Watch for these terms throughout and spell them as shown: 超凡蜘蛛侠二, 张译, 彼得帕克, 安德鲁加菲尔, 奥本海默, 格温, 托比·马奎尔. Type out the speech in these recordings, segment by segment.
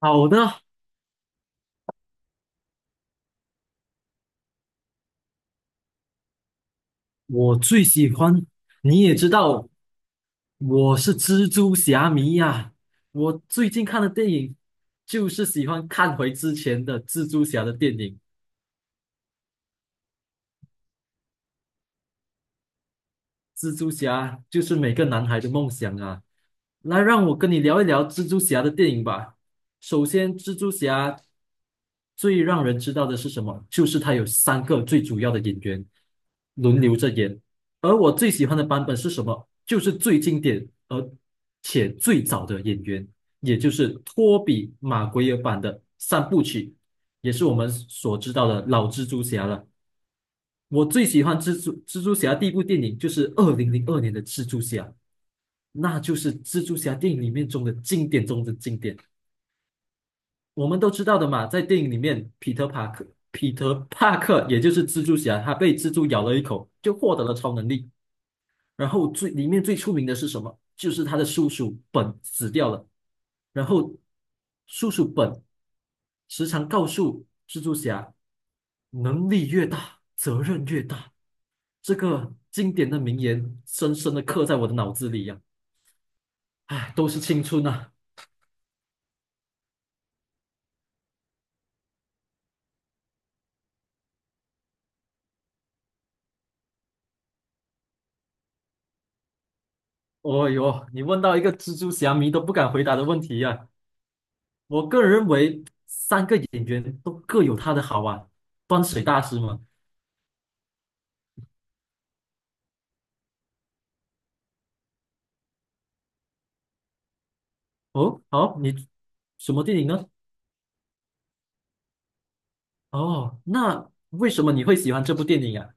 好的，我最喜欢。你也知道，我是蜘蛛侠迷呀、我最近看的电影就是喜欢看回之前的蜘蛛侠的电影。蜘蛛侠就是每个男孩的梦想啊！来，让我跟你聊一聊蜘蛛侠的电影吧。首先，蜘蛛侠最让人知道的是什么？就是他有三个最主要的演员轮流着演，而我最喜欢的版本是什么？就是最经典而且最早的演员，也就是托比·马奎尔版的三部曲，也是我们所知道的老蜘蛛侠了。我最喜欢蜘蛛侠第一部电影就是2002年的蜘蛛侠，那就是蜘蛛侠电影里面中的经典中的经典。我们都知道的嘛，在电影里面，彼得帕克也就是蜘蛛侠，他被蜘蛛咬了一口，就获得了超能力。然后最里面最出名的是什么？就是他的叔叔本死掉了，然后叔叔本时常告诉蜘蛛侠，能力越大，责任越大。这个经典的名言深深的刻在我的脑子里呀、唉，都是青春啊！哦哟，你问到一个蜘蛛侠迷都不敢回答的问题呀、我个人认为，三个演员都各有他的好啊。端水大师嘛，哦，好，你什么电影呢？哦，那为什么你会喜欢这部电影啊？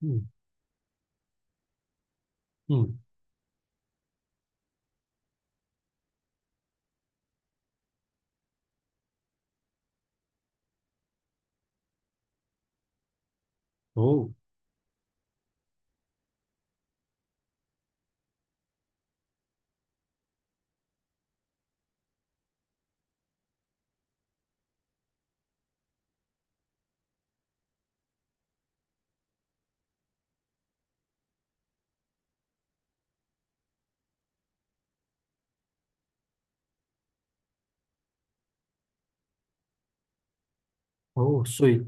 嗯嗯，哦。哦，所以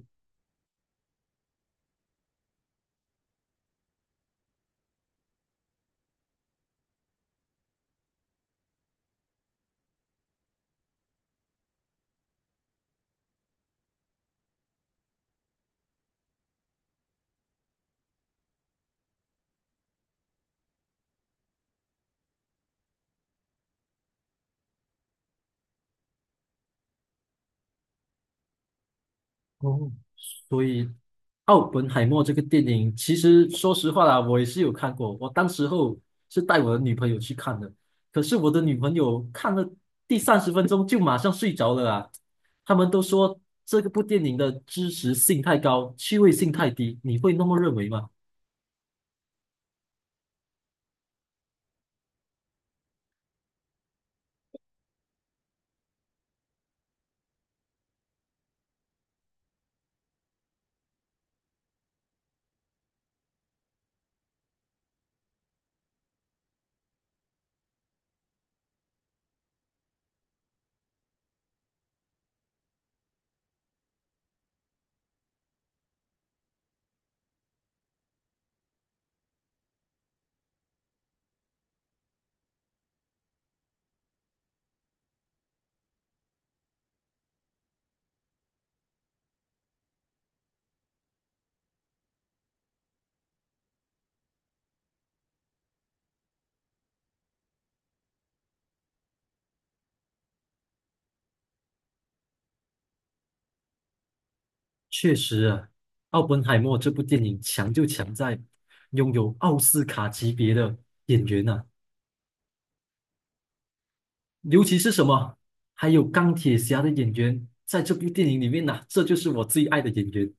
哦，所以《奥本海默》这个电影，其实说实话啦，我也是有看过。我当时候是带我的女朋友去看的，可是我的女朋友看了第30分钟就马上睡着了啊。他们都说这个部电影的知识性太高，趣味性太低，你会那么认为吗？确实啊，《奥本海默》这部电影强就强在拥有奥斯卡级别的演员啊，尤其是什么，还有钢铁侠的演员在这部电影里面呐、这就是我最爱的演员。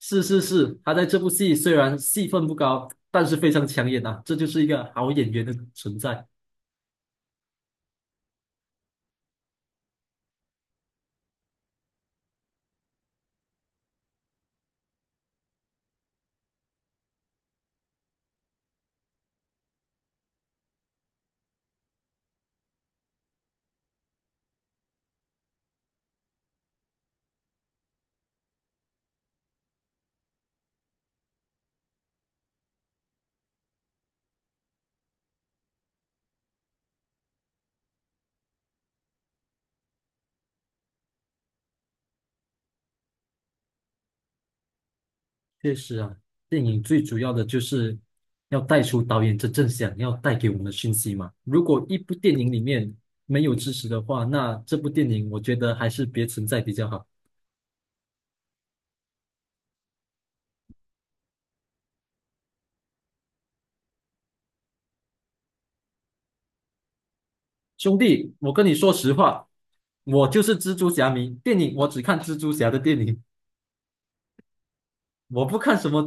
是是是，他在这部戏虽然戏份不高，但是非常抢眼呐，这就是一个好演员的存在。确实啊，电影最主要的就是要带出导演真正想要带给我们的讯息嘛。如果一部电影里面没有知识的话，那这部电影我觉得还是别存在比较好。兄弟，我跟你说实话，我就是蜘蛛侠迷，电影我只看蜘蛛侠的电影。我不看什么，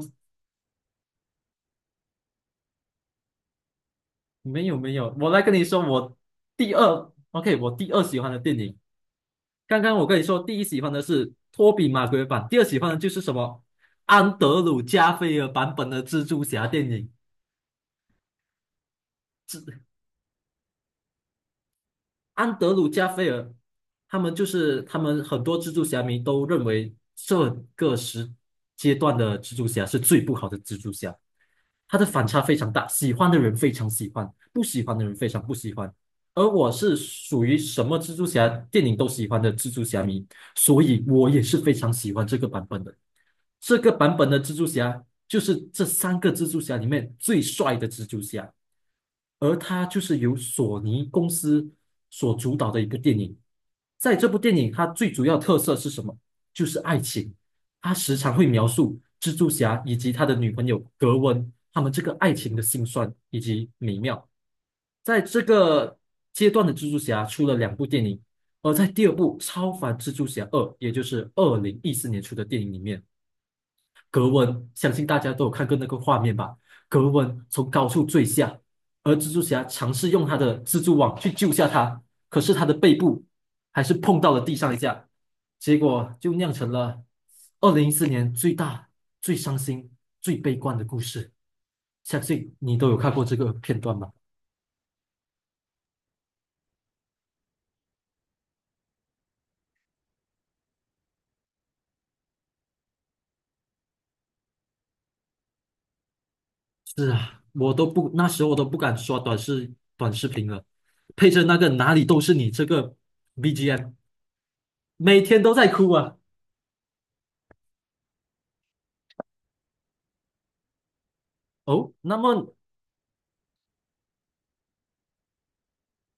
没有没有，我来跟你说，我第二，OK，我第二喜欢的电影，刚刚我跟你说，第一喜欢的是托比马奎尔版，第二喜欢的就是什么安德鲁加菲尔版本的蜘蛛侠电影，蜘安德鲁加菲尔，他们就是他们很多蜘蛛侠迷都认为这个阶段的蜘蛛侠是最不好的蜘蛛侠，它的反差非常大，喜欢的人非常喜欢，不喜欢的人非常不喜欢。而我是属于什么蜘蛛侠电影都喜欢的蜘蛛侠迷，所以我也是非常喜欢这个版本的。这个版本的蜘蛛侠就是这三个蜘蛛侠里面最帅的蜘蛛侠，而它就是由索尼公司所主导的一个电影。在这部电影，它最主要特色是什么？就是爱情。它时常会描述蜘蛛侠以及他的女朋友格温他们这个爱情的辛酸以及美妙。在这个阶段的蜘蛛侠出了两部电影，而在第二部《超凡蜘蛛侠二》，也就是2014年出的电影里面。格温，相信大家都有看过那个画面吧？格温从高处坠下，而蜘蛛侠尝试用他的蜘蛛网去救下他，可是他的背部还是碰到了地上一下，结果就酿成了2014年最大、最伤心、最悲观的故事。相信你都有看过这个片段吧？是啊，我都不，那时候我都不敢刷短视频了，配着那个哪里都是你这个 BGM，每天都在哭啊。哦，那么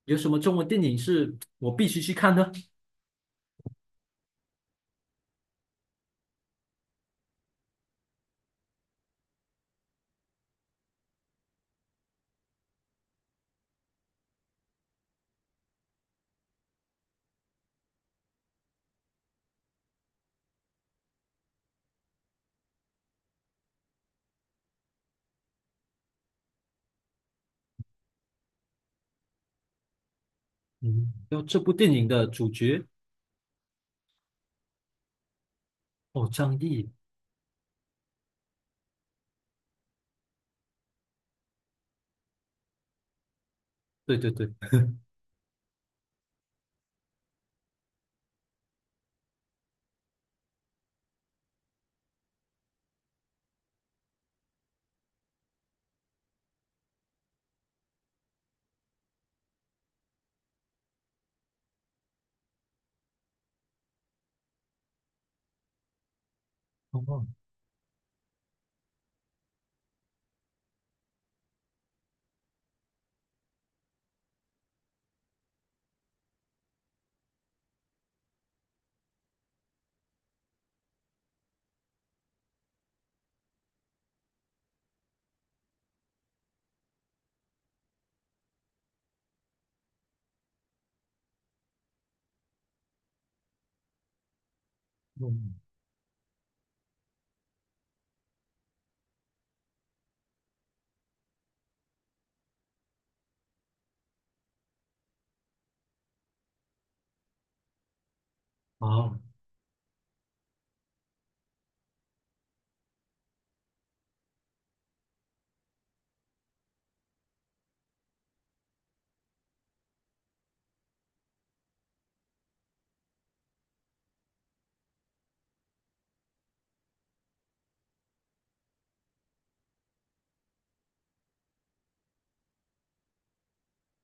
有什么中文电影是我必须去看的？嗯，要这部电影的主角哦，张译，对对对，哦，嗯，好，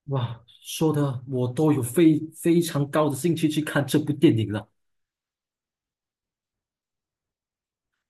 哇，说的我都有非常高的兴趣去看这部电影了。